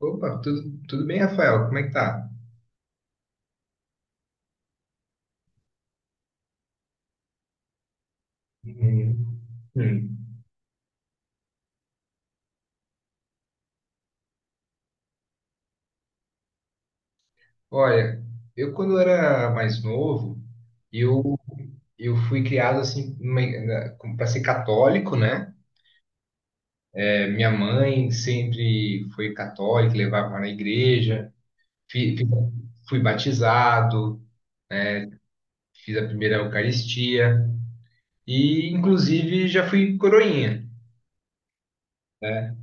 Opa, tudo bem, Rafael? Como é que tá? Hum, hum. Olha, eu quando era mais novo, eu, eu fui criado assim para ser católico, né? É, minha mãe sempre foi católica, levava na igreja, fi- fi- fui batizado, fiz a primeira Eucaristia e, inclusive, já fui coroinha, né?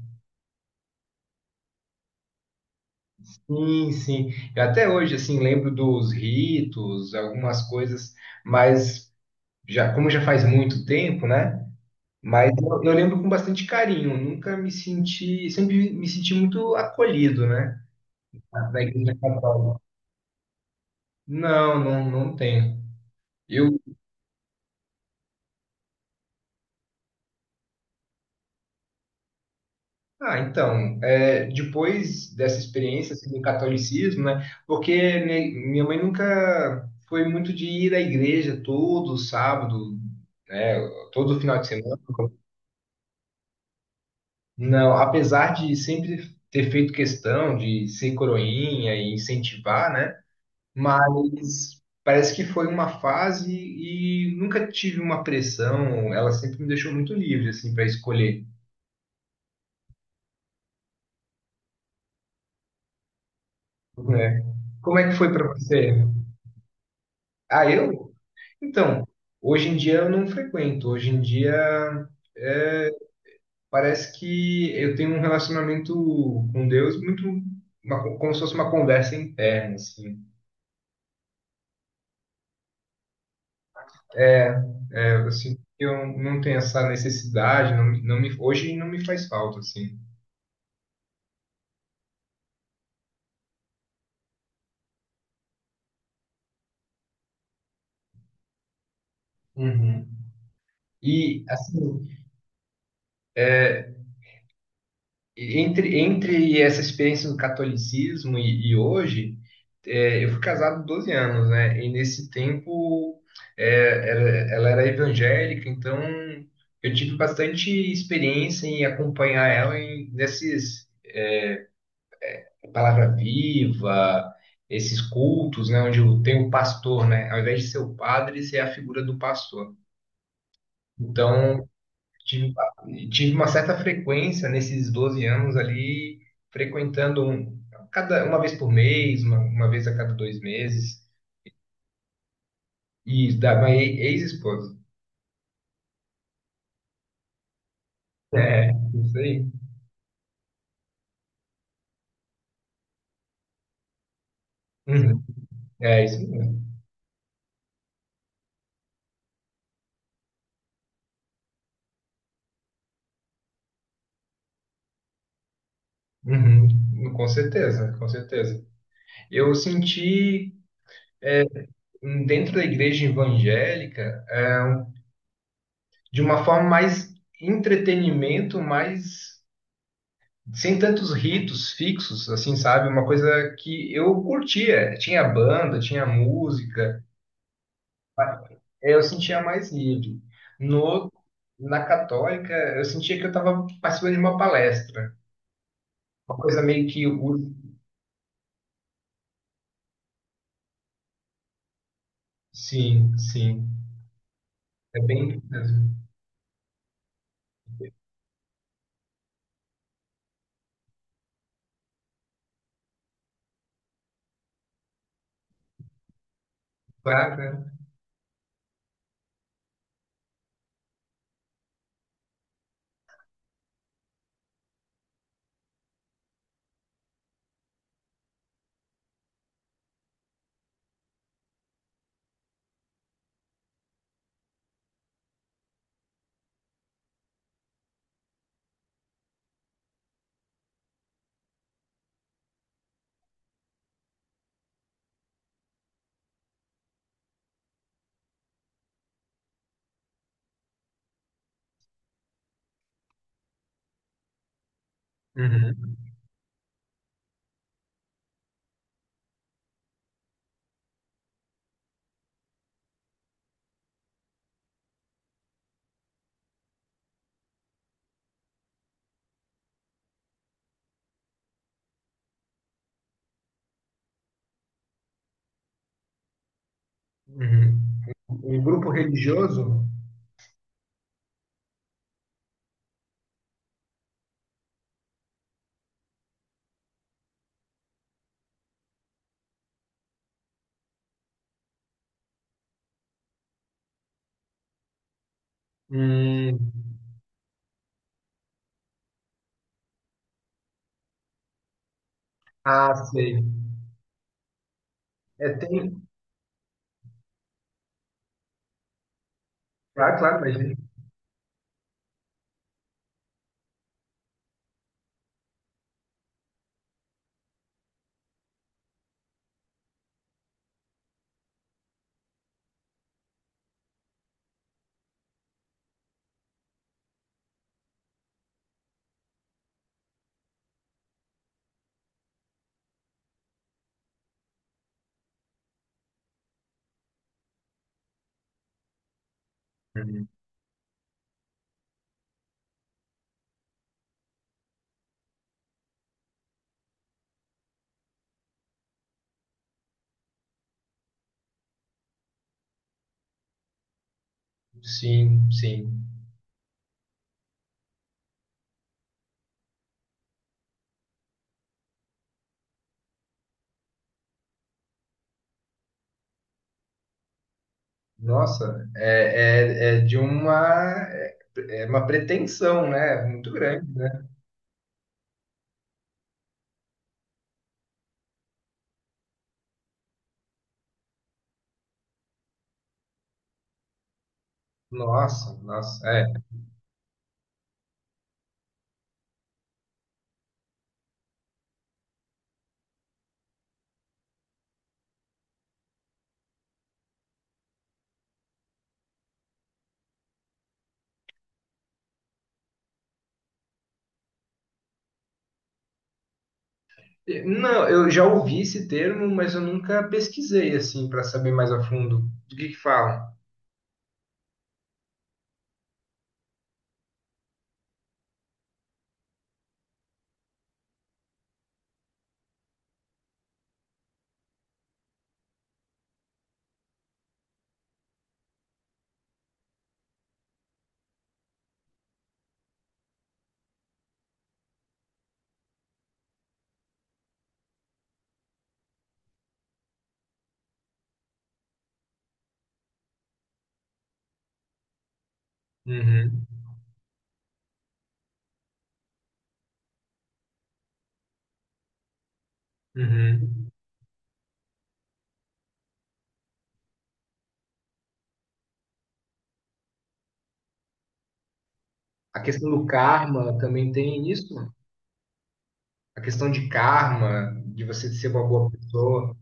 Sim, sim. Eu até hoje, assim, lembro dos ritos, algumas coisas, mas já, como já faz muito tempo, né? Mas eu lembro com bastante carinho, nunca me senti, sempre me senti muito acolhido, né? Na Igreja Católica. Não, não, não tenho. Eu, ah, então, depois dessa experiência assim, do catolicismo, né? Porque minha mãe nunca foi muito de ir à igreja todo sábado, né? Todo final de semana. Não, apesar de sempre ter feito questão de ser coroinha e incentivar, né? Mas parece que foi uma fase e nunca tive uma pressão. Ela sempre me deixou muito livre assim para escolher, né? Como é que foi para você? Ah, eu? Então, hoje em dia eu não frequento. Hoje em dia é, parece que eu tenho um relacionamento com Deus muito como se fosse uma conversa interna, assim. É, é, assim, eu não tenho essa necessidade, não, hoje não me faz falta, assim. Uhum. E, assim, entre essa experiência do catolicismo e hoje, eu fui casado 12 anos, né? E nesse tempo, ela era evangélica, então eu tive bastante experiência em acompanhar ela nesses Palavra Viva, esses cultos, né? Onde tem o pastor, né? Ao invés de ser o padre, ser a figura do pastor. Então, Tive, tive uma certa frequência nesses 12 anos ali, frequentando uma vez por mês, uma vez a cada dois meses, e da minha ex-esposa. É, isso aí. Uhum. É isso mesmo. Uhum. Com certeza, com certeza. Eu senti dentro da igreja evangélica, de uma forma mais entretenimento, mais sem tantos ritos fixos, assim, sabe? Uma coisa que eu curtia. Tinha banda, tinha música, eu sentia mais livre. No, na católica, eu sentia que eu estava participando de uma palestra. Uma coisa meio que... Sim, sim. É bem isso mesmo. Claro, né? Uhum, uhum. Um grupo religioso? Hum, ah, sei. É, tem... Claro, claro, mas... Uhum. Sim, sim. Nossa, é, é, é de uma, é é uma pretensão, né? Muito grande, né? Nossa, nossa, é. E, não, eu já ouvi esse termo, mas eu nunca pesquisei assim para saber mais a fundo do que falam. Uhum, uhum. A questão do karma também tem isso? A questão de karma, de você ser uma boa pessoa.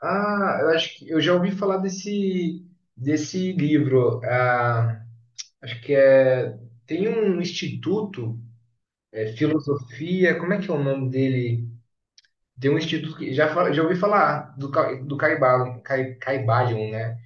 Ah, eu acho que eu já ouvi falar desse livro. Ah, acho que tem um instituto. É, filosofia, como é que é o nome dele? Tem um instituto que já ouvi falar do Caibalion, Caibalion, né?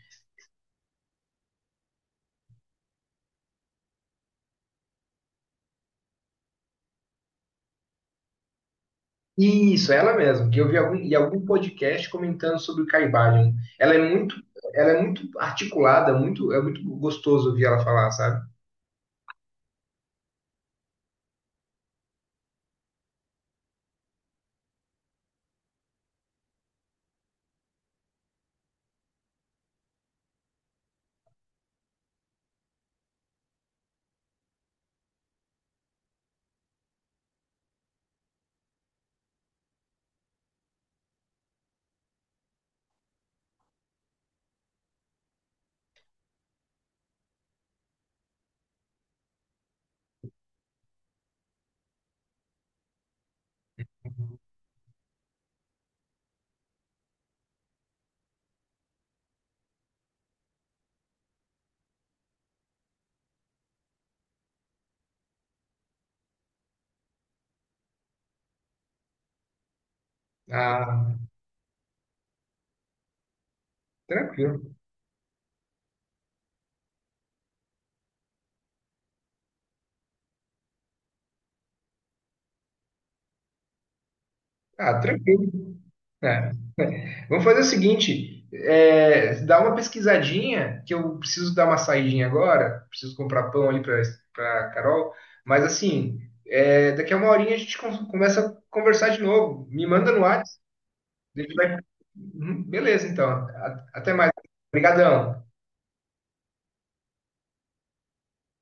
Isso, ela mesmo, que eu vi em algum podcast comentando sobre o Caibalion. Ela é muito, ela é muito articulada, é muito gostoso ouvir ela falar, sabe? Ah, tranquilo. Ah, tranquilo. É. Vamos fazer o seguinte, dá uma pesquisadinha, que eu preciso dar uma saidinha agora, preciso comprar pão ali para Carol, mas assim, daqui a uma horinha a gente começa a conversar de novo. Me manda no WhatsApp, a gente Uhum, beleza, então. Até mais. Obrigadão.